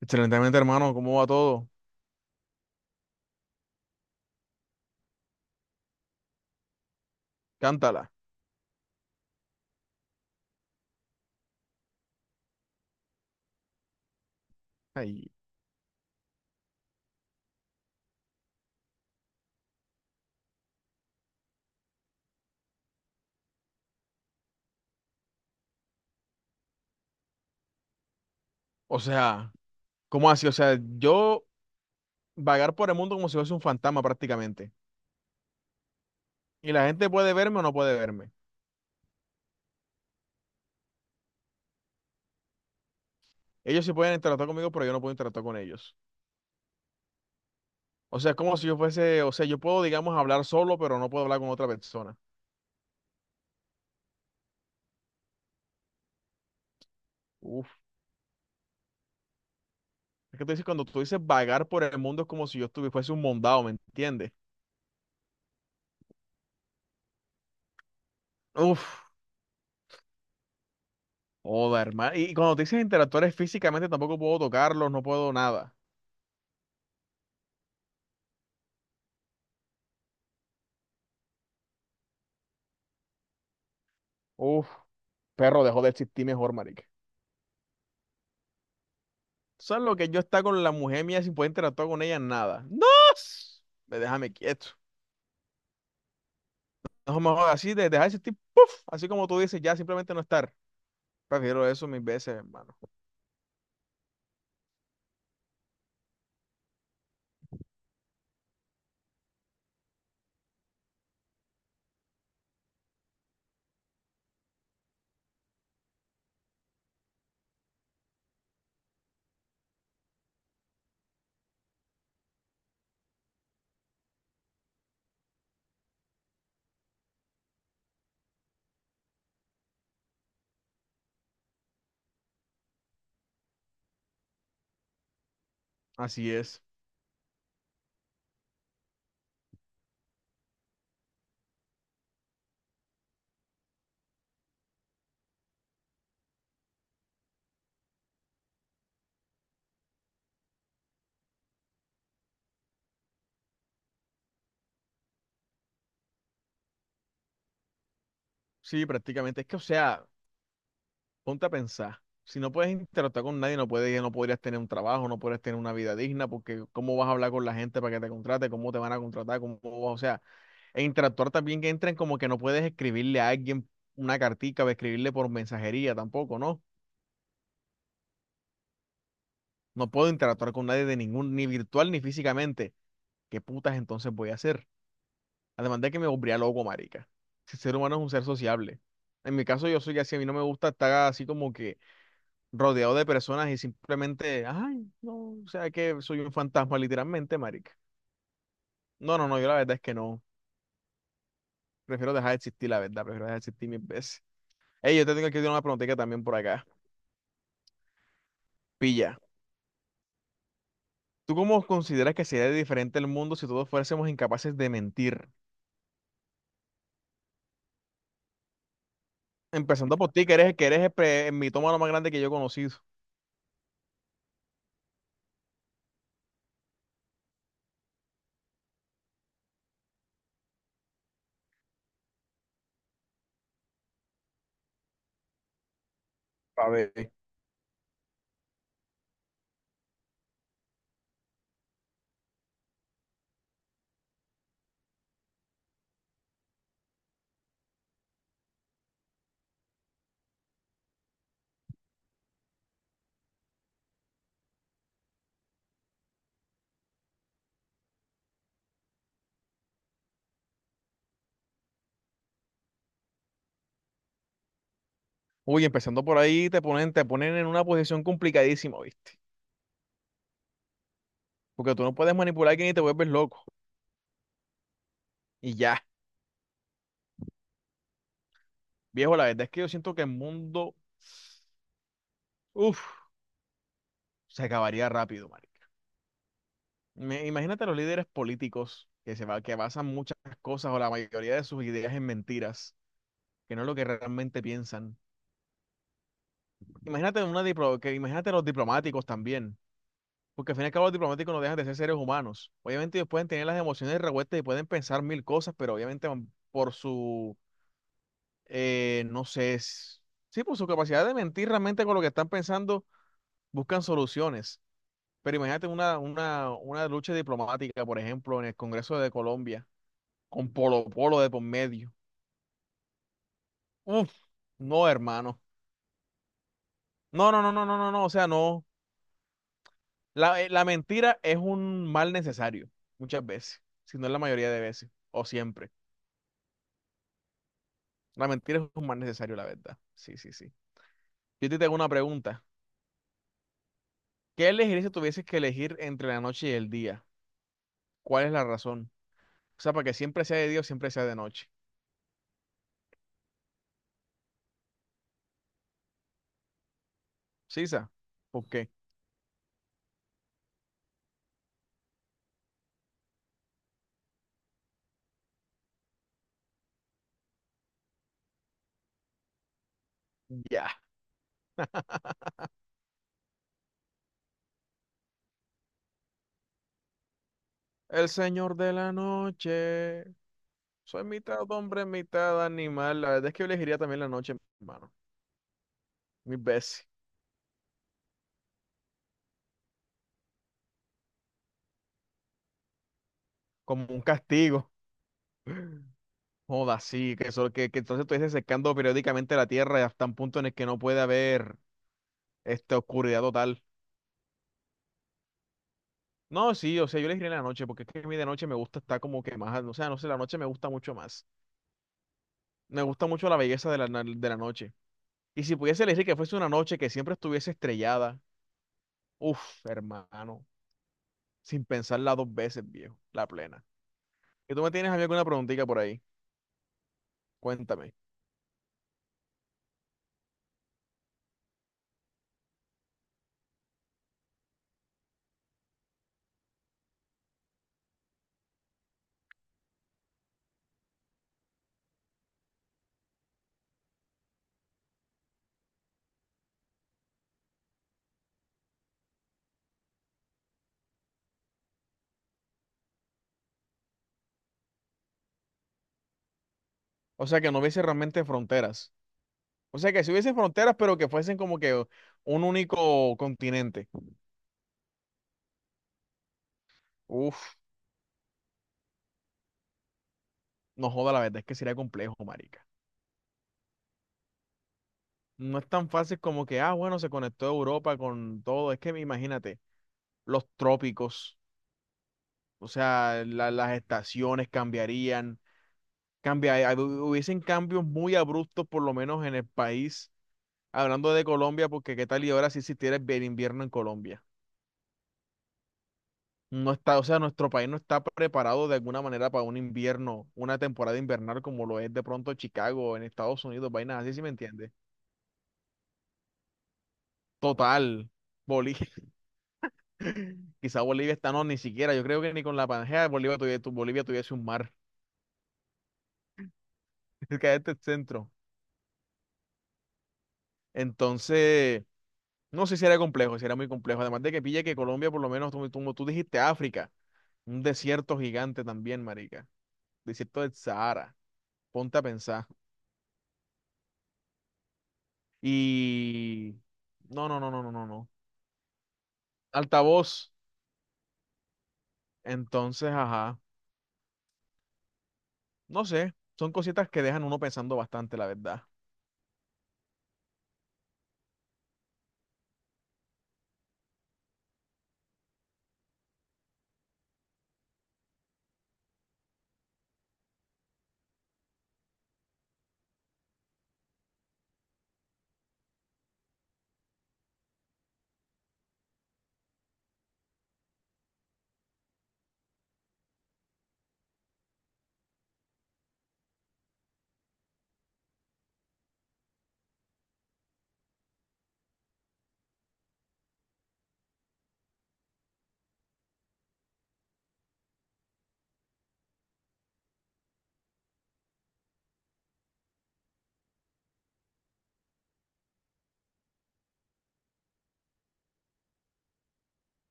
Excelentemente, hermano, ¿cómo va todo? Cántala. Ay, o sea, ¿cómo así? O sea, yo vagar por el mundo como si fuese un fantasma prácticamente. Y la gente puede verme o no puede verme. Ellos sí pueden interactuar conmigo, pero yo no puedo interactuar con ellos. O sea, es como si yo fuese, o sea, yo puedo, digamos, hablar solo, pero no puedo hablar con otra persona. Uf, es que tú dices, cuando tú dices vagar por el mundo es como si yo estuviese fuese un mondado, ¿me entiendes? Uf, joda, hermano. Y cuando te dices interactuar es físicamente, tampoco puedo tocarlos, no puedo nada. Uf, perro, dejó de existir mejor, marica. ¿Sabes lo que yo está con la mujer mía sin poder interactuar con ella? Nada. ¡No! Ve, déjame quieto. No me jodas, así de dejar ese tipo, ¡puf! Así como tú dices, ya simplemente no estar. Prefiero eso mil veces, hermano. Así es. Sí, prácticamente. Es que, o sea, ponte a pensar. Si no puedes interactuar con nadie, no puedes, no podrías tener un trabajo, no podrías tener una vida digna, porque cómo vas a hablar con la gente para que te contrate, cómo te van a contratar, cómo vas, o sea, e interactuar también que entren como que no puedes escribirle a alguien una cartica o escribirle por mensajería tampoco, ¿no? No puedo interactuar con nadie de ningún, ni virtual ni físicamente. ¿Qué putas entonces voy a hacer? Además de que me volvería loco, marica. Si el ser humano es un ser sociable. En mi caso, yo soy así. A mí no me gusta estar así como que rodeado de personas y simplemente, ay, no, o sea que soy un fantasma, literalmente, marica. No, no, no, yo la verdad es que no. Prefiero dejar de existir, la verdad. Prefiero dejar de existir mil veces. Ey, yo te tengo que hacer una preguntita también por acá. Pilla. ¿Tú cómo consideras que sería diferente el mundo si todos fuésemos incapaces de mentir? Empezando por ti, que eres el mitómano más grande que yo he conocido. A ver, uy, empezando por ahí, te ponen en una posición complicadísima, ¿viste? Porque tú no puedes manipular a alguien y te vuelves loco. Y ya, viejo, la verdad es que yo siento que el mundo, uff, se acabaría rápido, marica. Imagínate los líderes políticos que basan muchas cosas o la mayoría de sus ideas en mentiras, que no es lo que realmente piensan. Imagínate una diplo- que imagínate los diplomáticos también. Porque al fin y al cabo los diplomáticos no dejan de ser seres humanos. Obviamente ellos pueden tener las emociones revueltas y pueden pensar mil cosas, pero obviamente van por su, no sé, sí, por su capacidad de mentir realmente con lo que están pensando, buscan soluciones. Pero imagínate una lucha diplomática, por ejemplo, en el Congreso de Colombia, con Polo Polo de por medio. Uf, no, hermano. No, no, no, no, no, no, no. O sea, no. La mentira es un mal necesario, muchas veces, si no es la mayoría de veces, o siempre. La mentira es un mal necesario, la verdad. Sí, sí, sí. Yo te tengo una pregunta. ¿Qué elegirías si tuvieses que elegir entre la noche y el día? ¿Cuál es la razón? O sea, para que siempre sea de día o siempre sea de noche. ¿Sisa? ¿Por qué? Ya. El señor de la noche. Soy mitad hombre, mitad animal. La verdad es que yo elegiría también la noche, hermano. Mis veces. Como un castigo. Joda, sí, que, eso, que entonces estuviese secando periódicamente la tierra hasta un punto en el que no puede haber esta oscuridad total. No, sí, o sea, yo le diré en la noche, porque es que a mí de noche me gusta estar como que más, o sea, no sé, la noche me gusta mucho más. Me gusta mucho la belleza de la noche. Y si pudiese elegir que fuese una noche que siempre estuviese estrellada, uff, hermano, sin pensarla dos veces, viejo, la plena. ¿Y tú me tienes a mí alguna preguntita por ahí? Cuéntame. O sea, que no hubiese realmente fronteras. O sea, que si hubiese fronteras, pero que fuesen como que un único continente. Uff, no joda, la verdad es que sería complejo, marica. No es tan fácil como que, ah, bueno, se conectó Europa con todo. Es que imagínate, los trópicos, o sea, las estaciones cambiarían, cambia, hab- hubiesen cambios muy abruptos, por lo menos en el país. Hablando de Colombia, porque qué tal y ahora si existiera el invierno en Colombia. No está, o sea, nuestro país no está preparado de alguna manera para un invierno, una temporada invernal como lo es de pronto Chicago en Estados Unidos, vainas así, ¿si me entiendes? Total, boli. Quizá Bolivia está no, ni siquiera. Yo creo que ni con la Pangea de Bolivia tuviese un mar. Es que este es el centro. Entonces, no sé si era complejo, si era muy complejo. Además de que pille que Colombia, por lo menos, como tú dijiste, África, un desierto gigante también, marica. Desierto del Sahara. Ponte a pensar. Y no, no, no, no, no, no, no. Altavoz. Entonces, ajá. No sé. Son cositas que dejan uno pensando bastante, la verdad.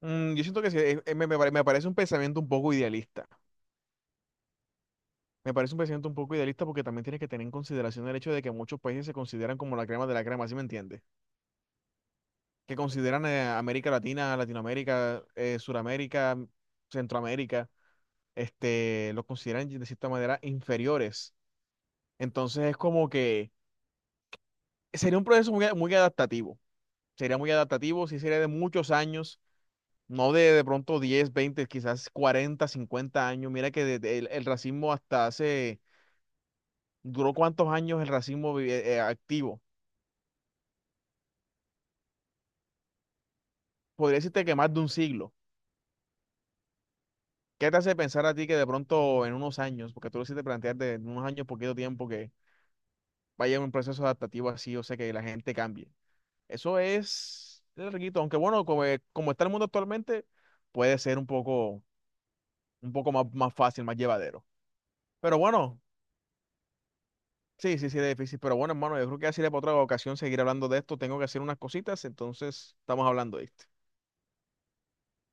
Yo siento que sí, me parece un pensamiento un poco idealista. Me parece un pensamiento un poco idealista porque también tienes que tener en consideración el hecho de que muchos países se consideran como la crema de la crema, ¿sí me entiendes? Que consideran América Latina, Latinoamérica, Suramérica, Centroamérica, este, los consideran de cierta manera inferiores. Entonces es como que sería un proceso muy adaptativo. Sería muy adaptativo, sí sería de muchos años, no de pronto 10 20 quizás 40 50 años. Mira que desde el racismo hasta hace, ¿duró cuántos años el racismo activo? Podría decirte que más de un siglo. ¿Qué te hace pensar a ti que de pronto en unos años, porque tú lo hiciste plantear de en unos años, poquito tiempo, que vaya un proceso adaptativo así, o sea, que la gente cambie? Eso es larguito, aunque bueno, como, como está el mundo actualmente, puede ser un poco más, más fácil, más llevadero. Pero bueno, sí, sí, sí, es difícil. Pero bueno, hermano, yo creo que así para otra ocasión seguir hablando de esto. Tengo que hacer unas cositas, entonces estamos hablando, de esto.